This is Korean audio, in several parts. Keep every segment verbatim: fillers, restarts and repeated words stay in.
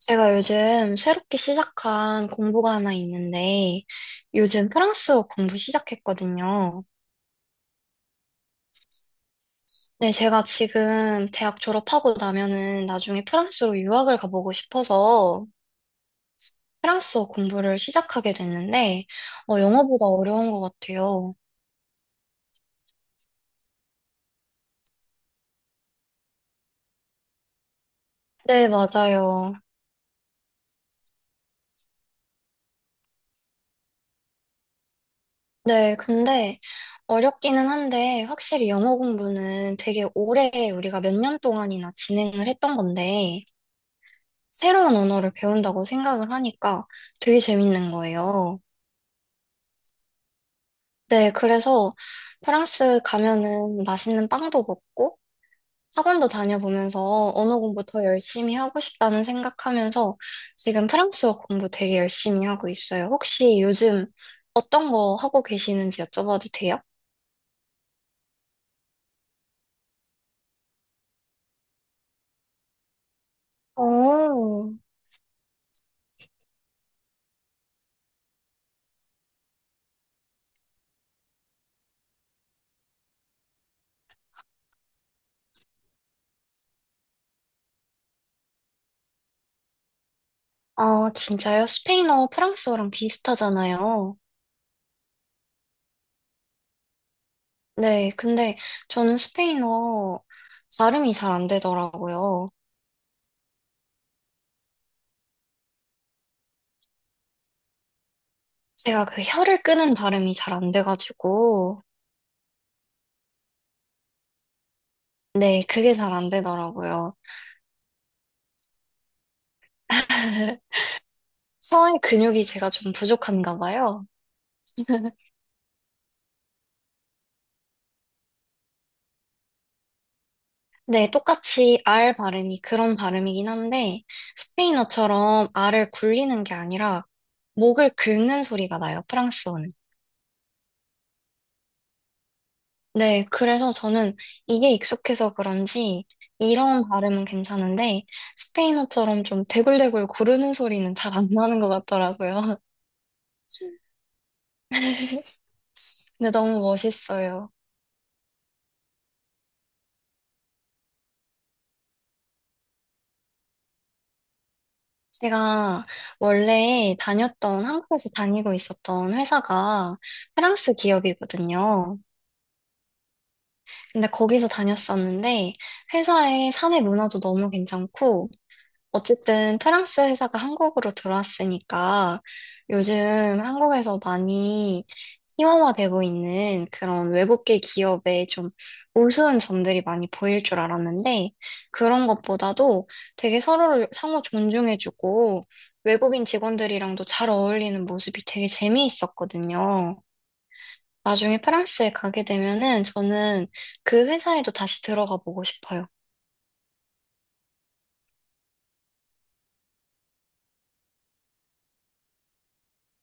제가 요즘 새롭게 시작한 공부가 하나 있는데, 요즘 프랑스어 공부 시작했거든요. 네, 제가 지금 대학 졸업하고 나면은 나중에 프랑스로 유학을 가보고 싶어서 프랑스어 공부를 시작하게 됐는데, 어, 영어보다 어려운 것 같아요. 네, 맞아요. 네, 근데 어렵기는 한데, 확실히 영어 공부는 되게 오래 우리가 몇 년 동안이나 진행을 했던 건데, 새로운 언어를 배운다고 생각을 하니까 되게 재밌는 거예요. 네, 그래서 프랑스 가면은 맛있는 빵도 먹고 학원도 다녀보면서 언어 공부 더 열심히 하고 싶다는 생각하면서 지금 프랑스어 공부 되게 열심히 하고 있어요. 혹시 요즘 어떤 거 하고 계시는지 여쭤봐도 돼요? 어, 아, 진짜요? 스페인어, 프랑스어랑 비슷하잖아요. 네, 근데 저는 스페인어 발음이 잘 안 되더라고요. 제가 그 혀를 끄는 발음이 잘 안 돼가지고, 네, 그게 잘 안 되더라고요. 혀의 근육이 제가 좀 부족한가 봐요. 네, 똑같이 R 발음이 그런 발음이긴 한데, 스페인어처럼 알을 굴리는 게 아니라, 목을 긁는 소리가 나요, 프랑스어는. 네, 그래서 저는 이게 익숙해서 그런지, 이런 발음은 괜찮은데, 스페인어처럼 좀 대굴대굴 구르는 소리는 잘 안 나는 것 같더라고요. 근데 너무 멋있어요. 제가 원래 다녔던, 한국에서 다니고 있었던 회사가 프랑스 기업이거든요. 근데 거기서 다녔었는데, 회사의 사내 문화도 너무 괜찮고, 어쨌든 프랑스 회사가 한국으로 들어왔으니까 요즘 한국에서 많이 희화화되고 있는 그런 외국계 기업의 좀 우스운 점들이 많이 보일 줄 알았는데 그런 것보다도 되게 서로를 상호 존중해주고 외국인 직원들이랑도 잘 어울리는 모습이 되게 재미있었거든요. 나중에 프랑스에 가게 되면은 저는 그 회사에도 다시 들어가 보고 싶어요.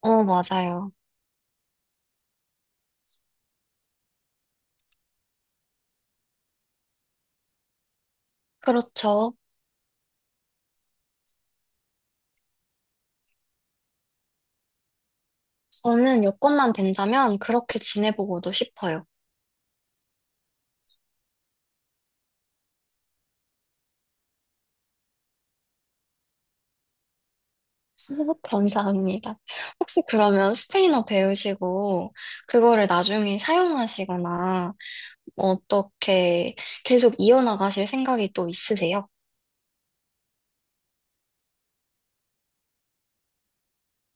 어, 맞아요. 그렇죠. 저는 여건만 된다면 그렇게 지내보고도 싶어요. 감사합니다. 혹시 그러면 스페인어 배우시고 그거를 나중에 사용하시거나 어떻게 계속 이어나가실 생각이 또 있으세요?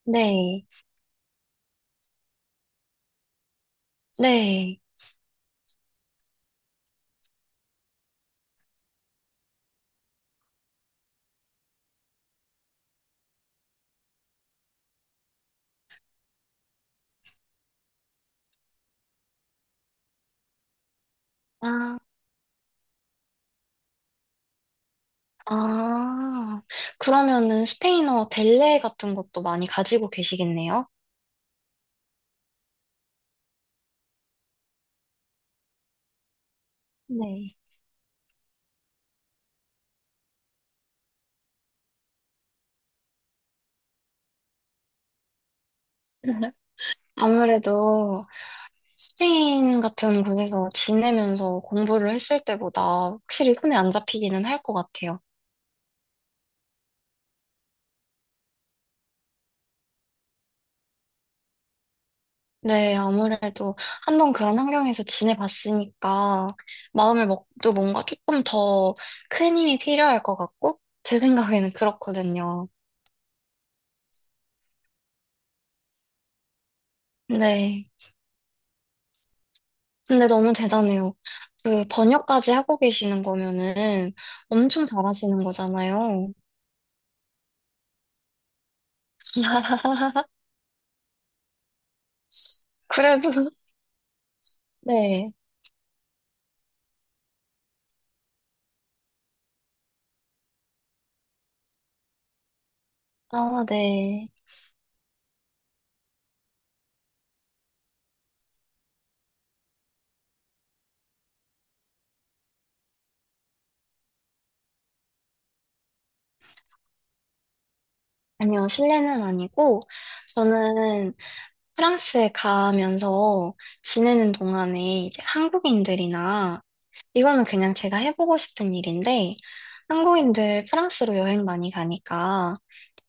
네, 네. 아, 아. 그러면은 스페인어 델레 같은 것도 많이 가지고 계시겠네요? 네. 아무래도 스페인 같은 곳에서 지내면서 공부를 했을 때보다 확실히 손에 안 잡히기는 할 것 같아요. 네, 아무래도 한 번 그런 환경에서 지내봤으니까 마음을 먹도 뭔가 조금 더 큰 힘이 필요할 것 같고, 제 생각에는 그렇거든요. 네. 근데 너무 대단해요. 그 번역까지 하고 계시는 거면은 엄청 잘하시는 거잖아요. 그래도, 네. 아, 네. 아니요, 실내는 아니고, 저는 프랑스에 가면서 지내는 동안에 이제 한국인들이나, 이거는 그냥 제가 해보고 싶은 일인데, 한국인들 프랑스로 여행 많이 가니까,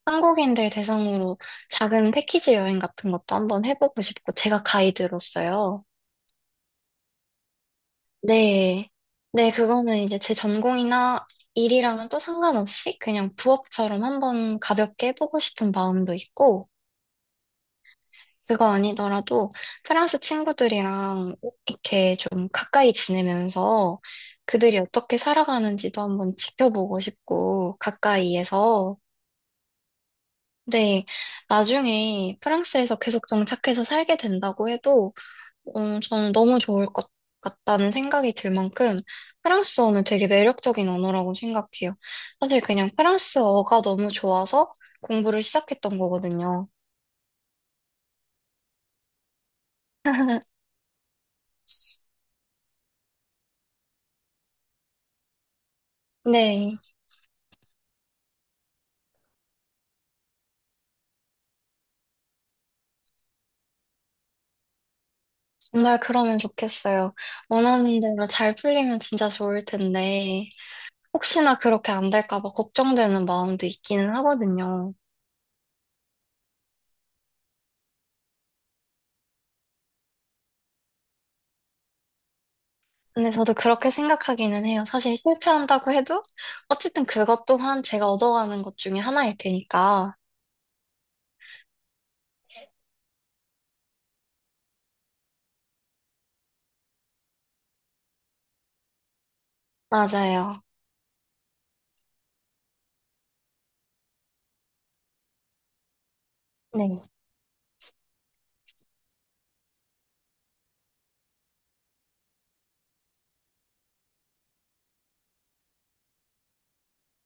한국인들 대상으로 작은 패키지 여행 같은 것도 한번 해보고 싶고, 제가 가이드로서요. 네. 네, 그거는 이제 제 전공이나 일이랑은 또 상관없이 그냥 부업처럼 한번 가볍게 해보고 싶은 마음도 있고, 그거 아니더라도 프랑스 친구들이랑 이렇게 좀 가까이 지내면서 그들이 어떻게 살아가는지도 한번 지켜보고 싶고 가까이에서 근데 나중에 프랑스에서 계속 정착해서 살게 된다고 해도 음, 저는 너무 좋을 것 같다는 생각이 들 만큼 프랑스어는 되게 매력적인 언어라고 생각해요. 사실 그냥 프랑스어가 너무 좋아서 공부를 시작했던 거거든요. 네. 정말 그러면 좋겠어요. 원하는 대로 잘 풀리면 진짜 좋을 텐데, 혹시나 그렇게 안 될까 봐 걱정되는 마음도 있기는 하거든요. 근데 저도 그렇게 생각하기는 해요. 사실 실패한다고 해도, 어쨌든 그것 또한 제가 얻어가는 것 중에 하나일 테니까. 맞아요. 네.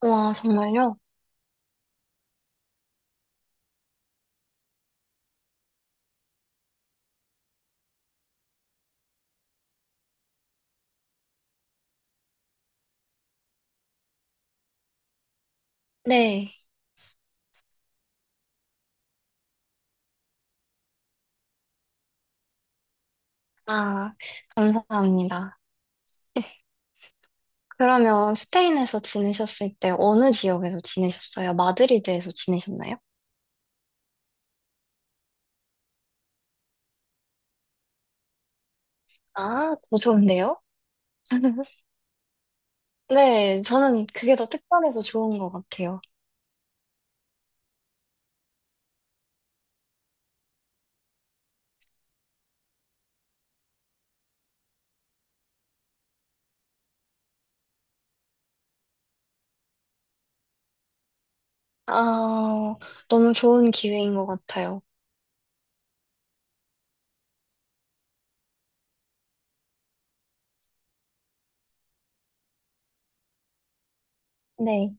와, 정말요? 네. 아, 감사합니다. 그러면 스페인에서 지내셨을 때 어느 지역에서 지내셨어요? 마드리드에서 지내셨나요? 아, 더 좋은데요? 네, 저는 그게 더 특별해서 좋은 것 같아요. 아, 너무 좋은 기회인 것 같아요. 네,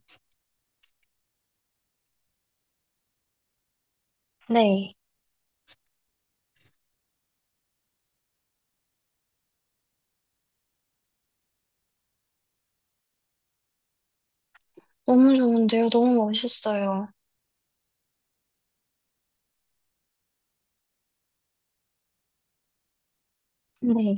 네, 너무 좋은데요. 너무 멋있어요. 네.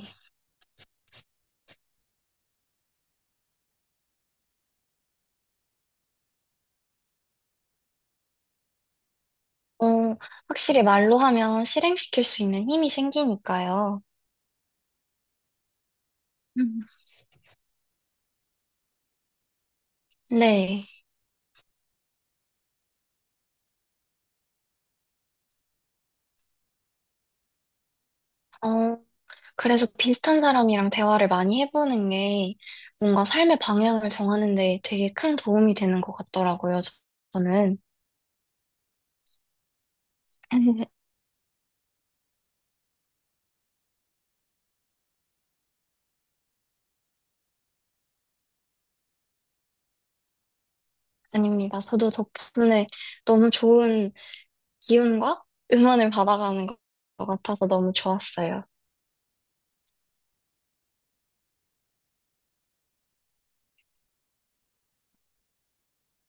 어, 확실히 말로 하면 실행시킬 수 있는 힘이 생기니까요. 음, 네. 어, 그래서 비슷한 사람이랑 대화를 많이 해보는 게 뭔가 삶의 방향을 정하는 데 되게 큰 도움이 되는 것 같더라고요, 저- 저는. 아닙니다. 저도 덕분에 너무 좋은 기운과 응원을 받아가는 것 같아서 너무 좋았어요.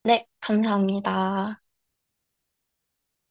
네, 감사합니다.